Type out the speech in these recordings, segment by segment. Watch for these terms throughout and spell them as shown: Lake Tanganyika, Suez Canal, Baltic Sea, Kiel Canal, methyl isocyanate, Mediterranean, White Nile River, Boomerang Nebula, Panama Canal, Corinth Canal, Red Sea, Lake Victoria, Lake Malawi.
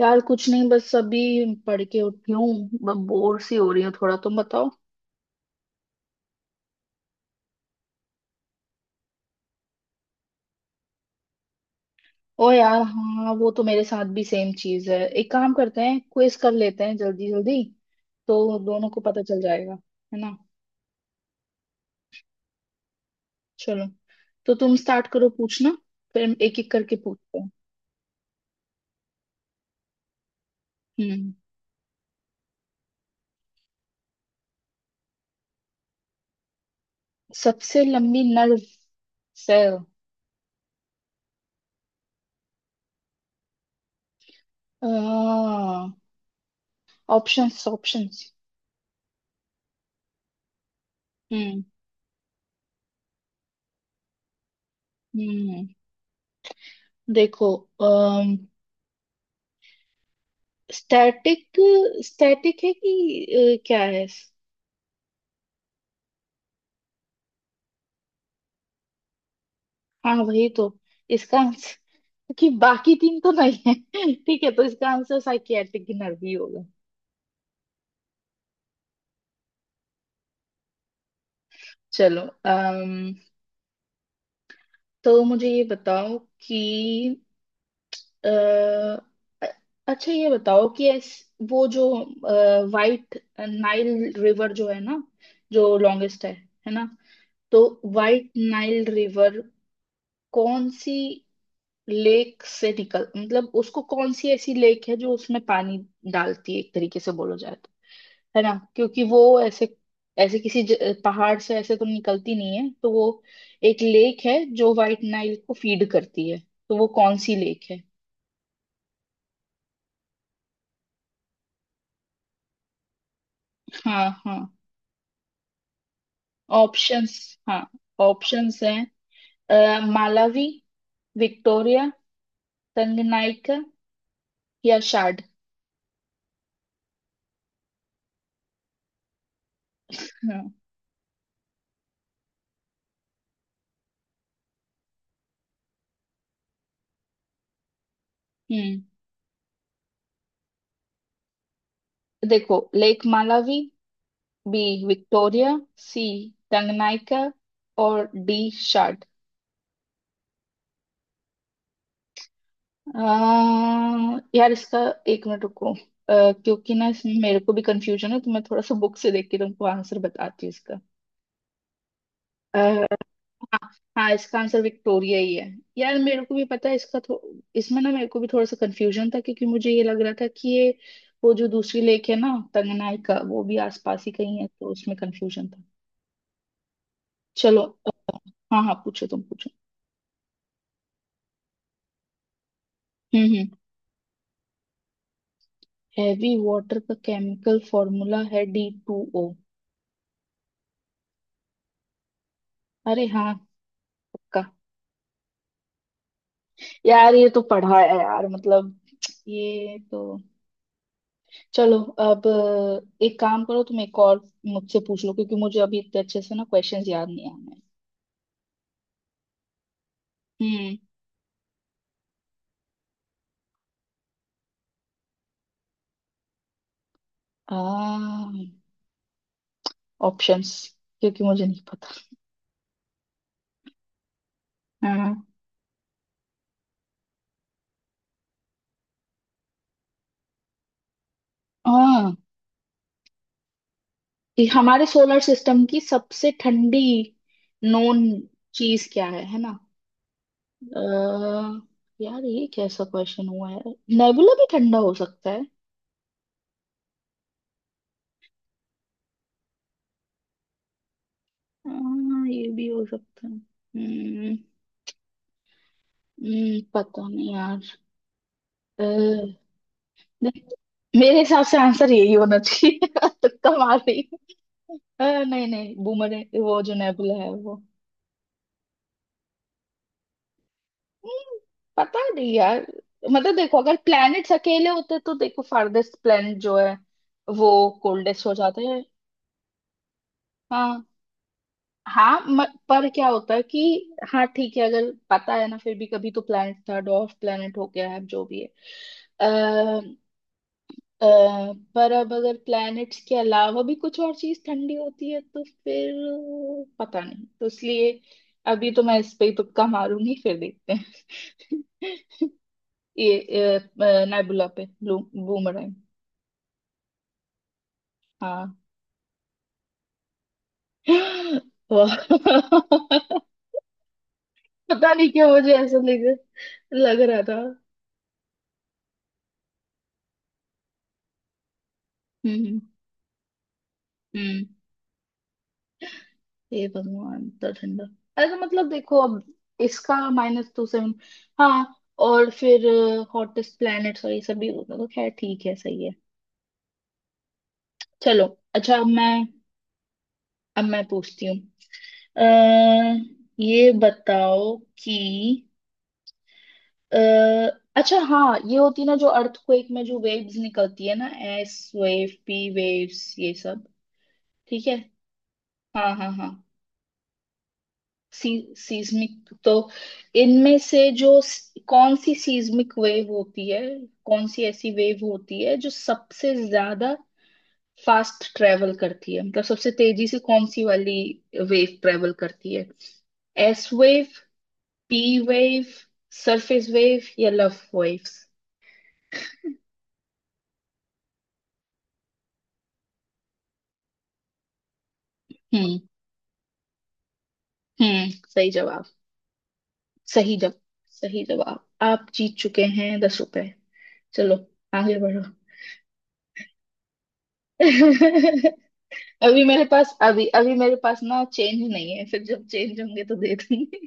यार, कुछ नहीं, बस अभी पढ़ के उठी हूँ। बोर सी हो रही हूँ थोड़ा। तुम बताओ। ओ यार, हाँ वो तो मेरे साथ भी सेम चीज है। एक काम करते हैं, क्विज कर लेते हैं जल्दी जल्दी, तो दोनों को पता चल जाएगा। है ना? चलो, तो तुम स्टार्ट करो पूछना, फिर हम एक एक करके पूछते हैं। हम्म। सबसे लंबी नर्व सेल। Options, options. हम्म, हम्म। देखो, स्टैटिक, स्टैटिक है कि क्या है? हाँ वही तो इसका आंसर, क्योंकि बाकी तीन तो नहीं है। ठीक है, तो इसका आंसर साइकियाट्रिक नर्व ही होगा। चलो। अम तो मुझे ये बताओ कि अ, अ- अच्छा, ये बताओ कि वो जो वाइट नाइल रिवर जो है ना, जो लॉन्गेस्ट है ना, तो वाइट नाइल रिवर कौन सी लेक से निकल, मतलब उसको कौन सी ऐसी लेक है जो उसमें पानी डालती है, एक तरीके से बोलो जाए तो, है ना, क्योंकि वो ऐसे ऐसे किसी पहाड़ से ऐसे तो निकलती नहीं है, तो वो एक लेक है जो व्हाइट नाइल को फीड करती है, तो वो कौन सी लेक है? हाँ, हाँ, ऑप्शंस, हाँ, ऑप्शंस हैं, मालावी, विक्टोरिया, तंगनाइका, या शाड। हाँ, हम्म। देखो, lake Malawi, B, Victoria, C, Tanganyika, और डी, शार्ट। यार, इसका एक मिनट रुको, क्योंकि ना इसमें मेरे को भी कंफ्यूजन है, तो मैं थोड़ा सा बुक से देख के तुमको आंसर बताती हूँ इसका। अह, हाँ, हाँ, इसका आंसर विक्टोरिया ही है। यार, मेरे को भी पता है इसका। इसमें ना मेरे को भी थोड़ा सा कंफ्यूजन था, क्योंकि मुझे ये लग रहा था कि ये वो जो दूसरी लेक है ना, तंगनाइका, वो भी आसपास ही कहीं है, तो उसमें कंफ्यूजन था। चलो। हाँ, हाँ, पूछो, तुम पूछो। हम्म, हैवी वाटर का केमिकल फॉर्मूला है डी टू ओ। अरे, हाँ, पक्का। यार, ये तो पढ़ा है यार, मतलब ये तो। चलो, अब एक काम करो, तुम एक और मुझसे पूछ लो, क्योंकि मुझे अभी इतने अच्छे से ना क्वेश्चंस याद नहीं आ रहे हैं। हम्म। आ ऑप्शंस, क्योंकि मुझे नहीं पता। हाँ, हाँ, ये हमारे सोलर सिस्टम की सबसे ठंडी नोन चीज क्या है ना? अह, यार, ये कैसा क्वेश्चन हुआ है। नेबुला भी ठंडा हो सकता है। हाँ, ये भी हो सकता है। हम्म। पता नहीं यार। अह, नहीं, मेरे हिसाब से आंसर यही होना चाहिए तुक्का मार रही हूँ। नहीं, नहीं, बूमर, वो जो नेबुला है वो। हम्म, पता नहीं यार। मतलब देखो, अगर प्लैनेट्स अकेले होते तो देखो, फार्देस्ट प्लैनेट जो है वो कोल्डेस्ट हो जाते हैं। हाँ, हाँ, पर क्या होता है कि हाँ ठीक है, अगर पता है ना, फिर भी कभी तो प्लेनेट था, डॉर्फ प्लेनेट हो गया है, जो भी है। आ, पर अब अगर प्लैनेट्स के अलावा भी कुछ और चीज ठंडी होती है, तो फिर पता नहीं, तो इसलिए अभी तो मैं इस पे ही तुक्का मारूंगी, फिर देखते हैं। ये नेबुला पे, बूमरैंग। हाँ। वाह। पता नहीं क्यों मुझे ऐसा लग लग रहा था। हम्म, हम्म। हे भगवान, तो ठंडा। अरे, तो मतलब देखो, अब इसका माइनस टू सेवन। हाँ। और फिर हॉटेस्ट प्लैनेट्स और ये सब भी होगा, तो खैर ठीक है, सही है। चलो। अच्छा, अब मैं पूछती हूँ। अः ये बताओ कि अः अच्छा हाँ, ये होती है ना जो अर्थक्वेक में जो वेव्स निकलती है ना, एस वेव, पी वेव्स, ये सब, ठीक है। हाँ, हाँ, हाँ, सीस्मिक, तो इनमें से जो कौन सी सीस्मिक वेव होती है, कौन सी ऐसी वेव होती है जो सबसे ज्यादा फास्ट ट्रेवल करती है, मतलब सबसे तेजी से कौन सी वाली वेव ट्रेवल करती है? S wave, P wave, surface wave, या लव वेव्स। हम्म, हम्म। सही जवाब, सही जवाब, सही जवाब। आप जीत चुके हैं 10 रुपए। चलो, आगे बढ़ो। अभी अभी मेरे पास ना चेंज नहीं है, फिर जब चेंज होंगे तो दे देंगे।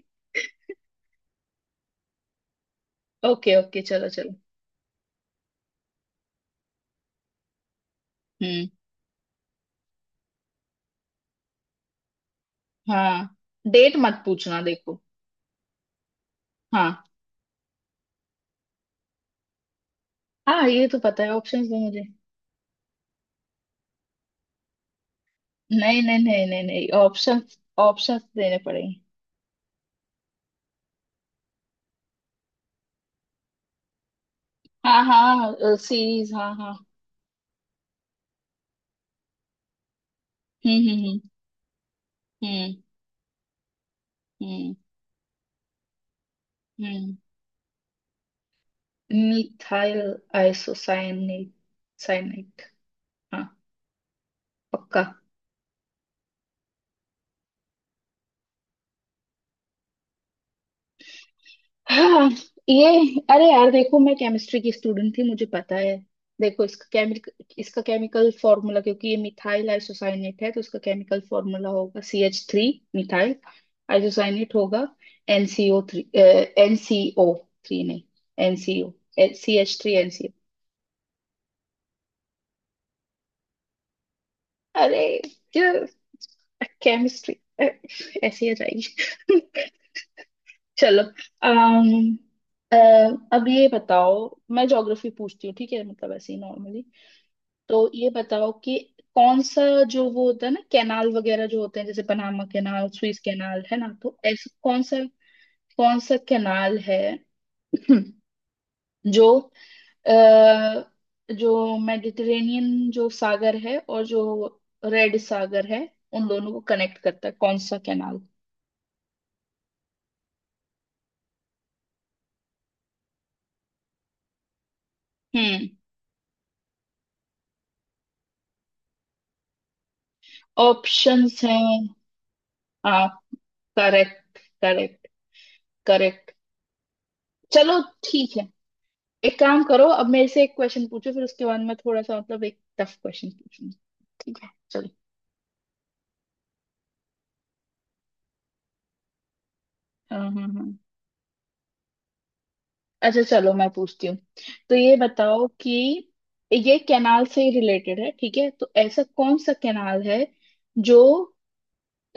ओके, ओके, चलो, चलो। हम्म। हाँ, डेट मत पूछना देखो। हाँ, हाँ, ये तो पता है। ऑप्शंस दो मुझे। नहीं, नहीं, नहीं, नहीं, नहीं, ऑप्शंस, ऑप्शंस देने पड़ेंगे। हाँ, हाँ, सीरीज, हाँ, हाँ। हम्म, हम्म, हम्म, हम्म, हम्म, मिथाइल आइसोसाइनेट, साइनेट। हाँ, पक्का। हाँ, ये, अरे यार देखो, मैं केमिस्ट्री की स्टूडेंट थी, मुझे पता है। देखो, इसका केमिक इसका केमिकल फॉर्मूला, क्योंकि ये मिथाइल आइसोसाइनेट है, तो इसका केमिकल फॉर्मूला होगा C H three, methyl isocyanate होगा एनसीओ थ्री, एनसीओ थ्री नहीं, NCO, C H three NCO. अरे, केमिस्ट्री ऐसी आ जाएगी। चलो। अम अ, अब ये बताओ, मैं ज्योग्राफी पूछती हूँ, ठीक है, मतलब ऐसे ही नॉर्मली। तो ये बताओ कि कौन सा, जो वो होता है ना कैनाल वगैरह जो होते हैं, जैसे पनामा कैनाल, स्विस कैनाल, है ना, तो ऐसा कौन सा, कौन सा कैनाल है? जो अ, जो मेडिटेरेनियन जो सागर है, और जो रेड सागर है, उन दोनों को कनेक्ट करता है, कौन सा कैनाल? हम्म। ऑप्शंस हैं। हाँ, करेक्ट, करेक्ट, करेक्ट। चलो, ठीक है। एक काम करो, अब मेरे से एक क्वेश्चन पूछो, फिर उसके बाद मैं थोड़ा सा मतलब एक टफ क्वेश्चन पूछूंगी। ठीक है, चलो। हाँ, हाँ, हाँ, अच्छा, चलो, मैं पूछती हूँ। तो ये बताओ कि ये कैनाल से ही रिलेटेड है, ठीक है, तो ऐसा कौन सा कैनाल है जो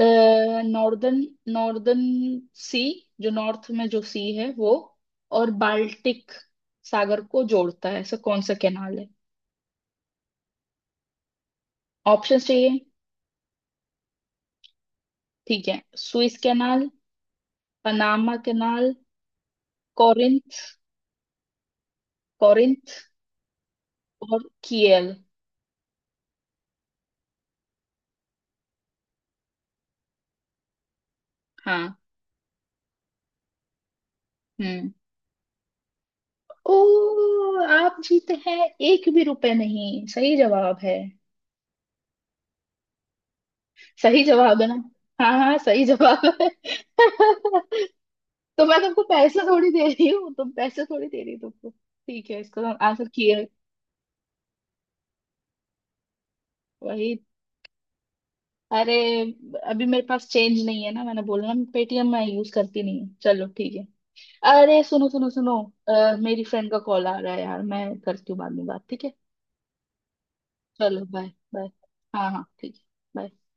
नॉर्दर्न, नॉर्दर्न सी, जो नॉर्थ में जो सी है वो, और बाल्टिक सागर को जोड़ता है, ऐसा कौन सा कैनाल है? ऑप्शन चाहिए? ठीक है। Suez canal, Panama canal, Corinth, Corinth, और कियल। हाँ। हम्म। ओ, आप जीते हैं, एक भी रुपए नहीं सही जवाब है। सही जवाब है ना? हाँ, हाँ, सही जवाब है। तो मैं तुमको पैसे थोड़ी दे रही हूँ, तुम पैसे थोड़ी दे रही हो तुमको, ठीक है, इसका आंसर कियल। वही। अरे, अभी मेरे पास चेंज नहीं है ना, मैंने बोला ना, पेटीएम मैं यूज करती नहीं हूँ। चलो, ठीक है। अरे, सुनो, सुनो, सुनो, मेरी फ्रेंड का कॉल आ रहा है यार, मैं करती हूँ बाद में बात, ठीक है। चलो, बाय, बाय। हाँ, हाँ, ठीक है, bye।